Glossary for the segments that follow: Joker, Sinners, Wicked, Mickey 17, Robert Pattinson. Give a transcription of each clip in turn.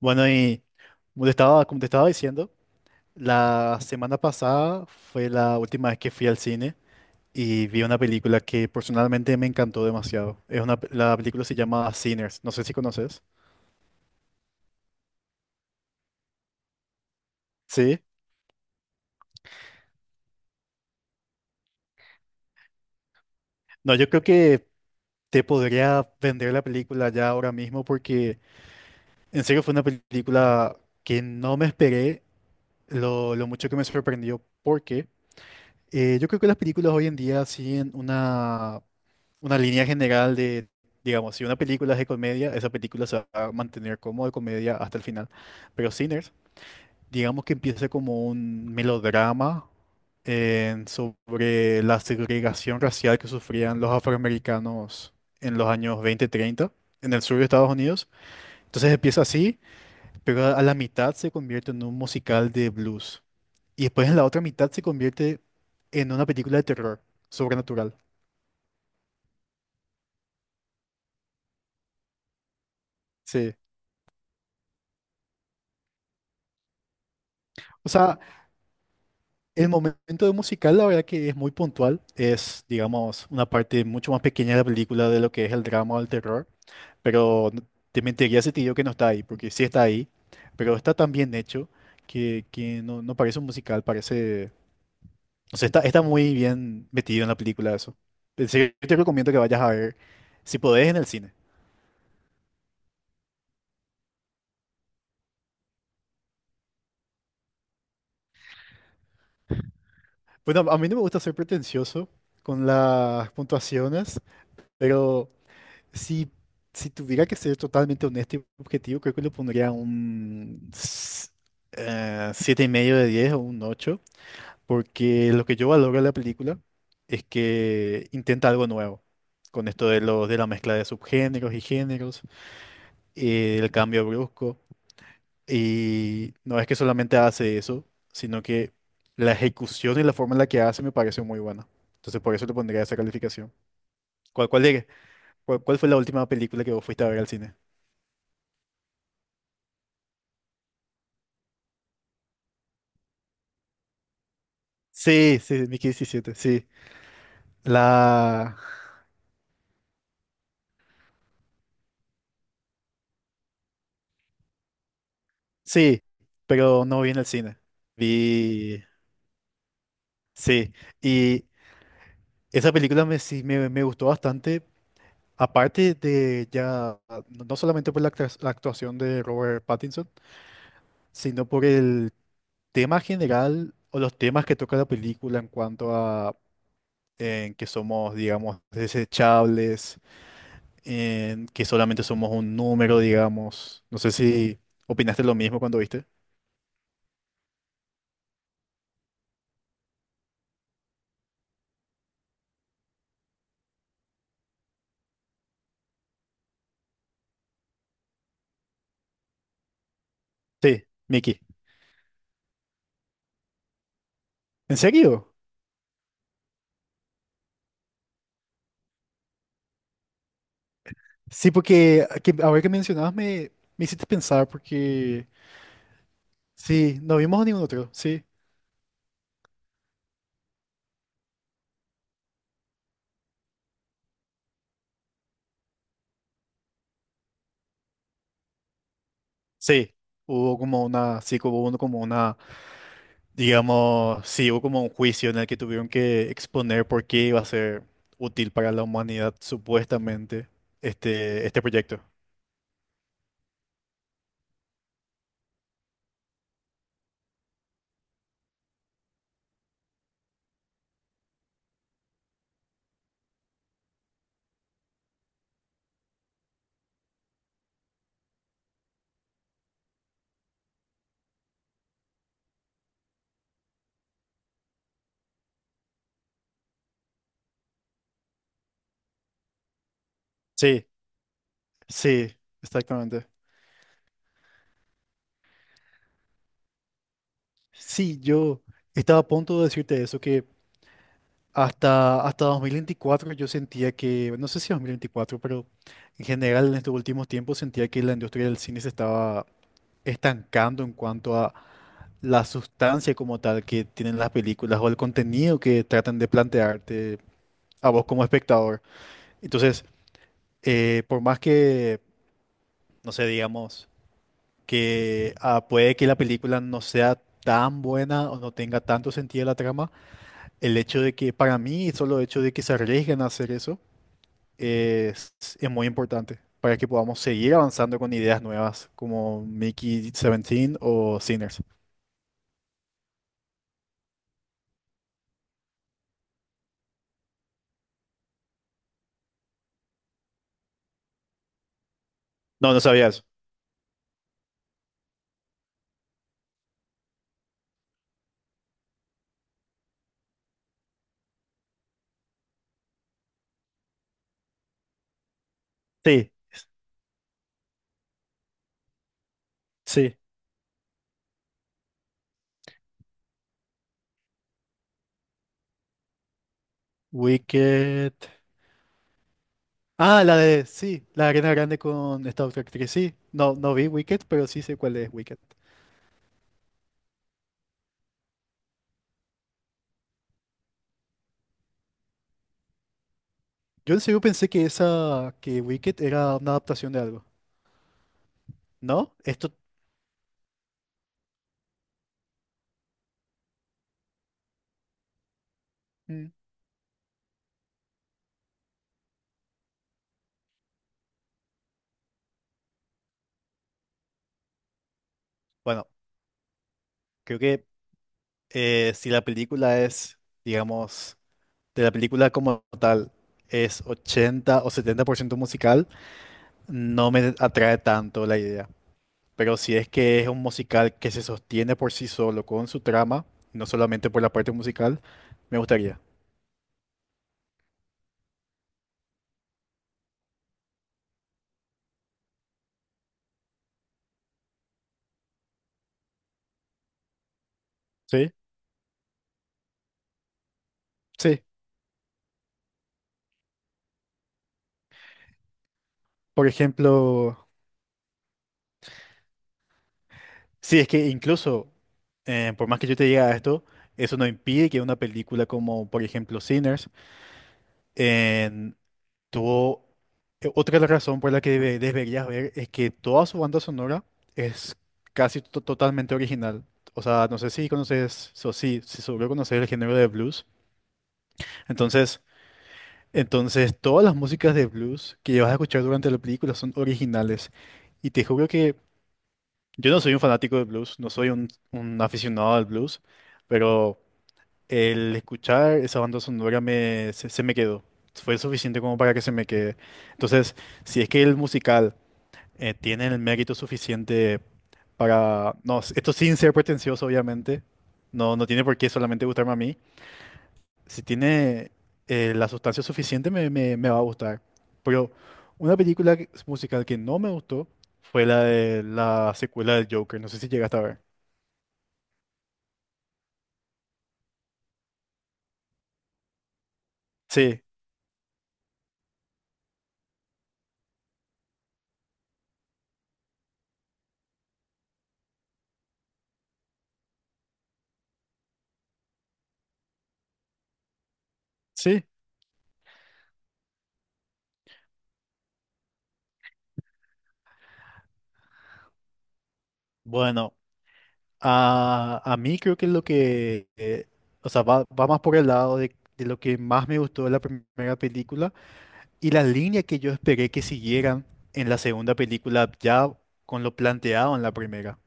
Bueno, y como te estaba diciendo, la semana pasada fue la última vez que fui al cine y vi una película que personalmente me encantó demasiado. Es una, la película se llama Sinners, no sé si conoces. Sí. No, yo creo que te podría vender la película ya ahora mismo porque en serio fue una película que no me esperé lo mucho que me sorprendió porque yo creo que las películas hoy en día siguen una línea general de, digamos, si una película es de comedia, esa película se va a mantener como de comedia hasta el final. Pero Sinners, digamos que empieza como un melodrama sobre la segregación racial que sufrían los afroamericanos en los años 20-30 en el sur de Estados Unidos. Entonces empieza así, pero a la mitad se convierte en un musical de blues. Y después en la otra mitad se convierte en una película de terror sobrenatural. Sí. O sea, el momento de musical, la verdad que es muy puntual. Es, digamos, una parte mucho más pequeña de la película de lo que es el drama o el terror. Pero no- Te mentiría si te digo que no está ahí, porque sí está ahí. Pero está tan bien hecho que no parece un musical, parece... O sea, está muy bien metido en la película eso. En serio, yo te recomiendo que vayas a ver, si podés, en el cine. Bueno, a mí no me gusta ser pretencioso con las puntuaciones, pero... Si, si tuviera que ser totalmente honesto y objetivo, creo que le pondría un 7,5 de 10 o un 8, porque lo que yo valoro de la película es que intenta algo nuevo, con esto de la mezcla de subgéneros y géneros, el cambio brusco, y no es que solamente hace eso, sino que la ejecución y la forma en la que hace me parece muy buena. Entonces por eso le pondría esa calificación. ¿Cuál, cuál, de- cuál fue la última película que vos fuiste a ver al cine? Sí, sí, Mickey diecisiete, sí. La... Sí, pero no vi en el cine. Vi... Sí, y esa película me gustó bastante, aparte de ya, no solamente por la actuación de Robert Pattinson, sino por el tema general o los temas que toca la película en cuanto a en que somos, digamos, desechables, en que solamente somos un número, digamos. No sé si opinaste lo mismo cuando viste. Sí, Mickey. ¿En serio? Sí, porque ahora que mencionabas me hiciste pensar porque sí, no vimos a ningún otro, sí. Sí, hubo como una, sí, hubo uno como una, digamos, sí, hubo como un juicio en el que tuvieron que exponer por qué iba a ser útil para la humanidad, supuestamente, este proyecto. Sí, sí, exactamente. Sí, yo estaba a punto de decirte eso, que. Hasta 2024 yo sentía que, no sé si 2024, pero en general en estos últimos tiempos sentía que la industria del cine se estaba estancando en cuanto a la sustancia como tal que tienen las películas o el contenido que tratan de plantearte a vos como espectador. Entonces, por más que, no sé, digamos, que ah, puede que la película no sea tan buena o no tenga tanto sentido la trama, el hecho de que para mí, solo el hecho de que se arriesguen a hacer eso, es muy importante para que podamos seguir avanzando con ideas nuevas como Mickey 17 o Sinners. No, no sabía eso. Sí, sí. Wicked. Ah, la de, sí, la Arena Grande con esta otra actriz. Sí, no, no vi Wicked, pero sí sé cuál es Wicked. Yo en serio pensé que esa, que Wicked era una adaptación de algo. ¿No? Esto, mm, bueno, creo que si la película es, digamos, de la película como tal es 80 o 70% musical, no me atrae tanto la idea. Pero si es que es un musical que se sostiene por sí solo con su trama, no solamente por la parte musical, me gustaría. Sí, sí. Por ejemplo, sí, es que incluso, por más que yo te diga esto, eso no impide que una película como, por ejemplo, Sinners, todo, otra razón por la que deberías ver es que toda su banda sonora es casi totalmente original. O sea, no sé si conoces, si seguro conocer el género de blues. Entonces, entonces, todas las músicas de blues que vas a escuchar durante la película son originales. Y te juro que yo no soy un fanático de blues, no soy un aficionado al blues, pero... El escuchar esa banda sonora se me quedó. Fue suficiente como para que se me quede. Entonces, si es que el musical tiene el mérito suficiente para... No, esto sin ser pretencioso, obviamente. No, no tiene por qué solamente gustarme a mí. Si tiene la sustancia suficiente, me va a gustar. Pero una musical que no me gustó fue la de la secuela del Joker. No sé si llegaste a ver. Sí, sí. Bueno. A mí creo que lo que, o sea, va más por el lado de lo que más me gustó de la primera película y la línea que yo esperé que siguieran en la segunda película ya con lo planteado en la primera.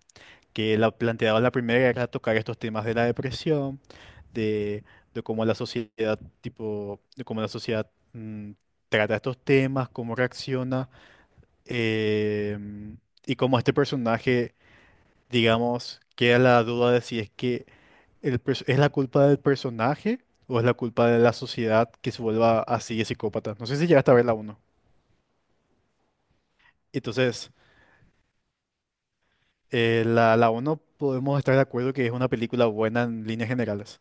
Que lo planteado en la primera era tocar estos temas de la depresión, de, de cómo la sociedad, tipo, de cómo la sociedad trata estos temas, cómo reacciona, em, y cómo este personaje digamos, queda la duda de si es que es la culpa del personaje o es la culpa de la sociedad que se vuelva así de psicópata. No sé si llegaste a ver la uno. Entonces, la uno podemos estar de acuerdo que es una película buena en líneas generales.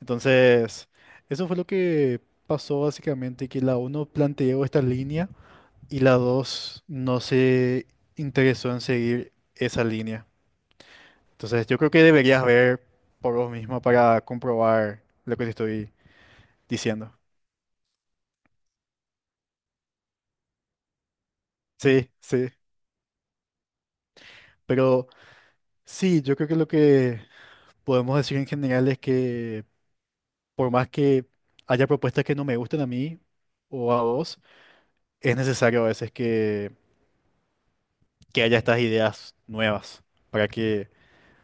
Entonces, eso fue lo que pasó básicamente, que la uno planteó esta línea y la 2 no se interesó en seguir esa línea. Entonces, yo creo que deberías ver por vos misma para comprobar lo que te estoy diciendo. Sí, sí. Pero sí, yo creo que lo que podemos decir en general es que por más que haya propuestas que no me gusten a mí o a vos, es necesario a veces que haya estas ideas nuevas para que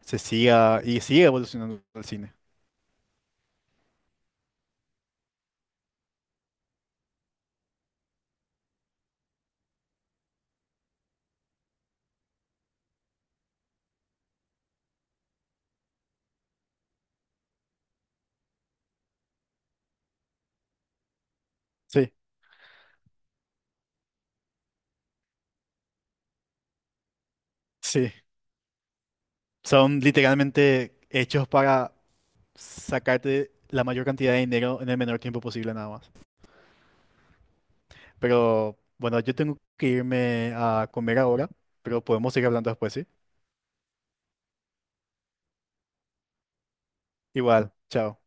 se siga y siga evolucionando el cine. Sí, sí. Son literalmente hechos para sacarte la mayor cantidad de dinero en el menor tiempo posible nada más. Pero bueno, yo tengo que irme a comer ahora, pero podemos seguir hablando después, ¿sí? Igual, chao.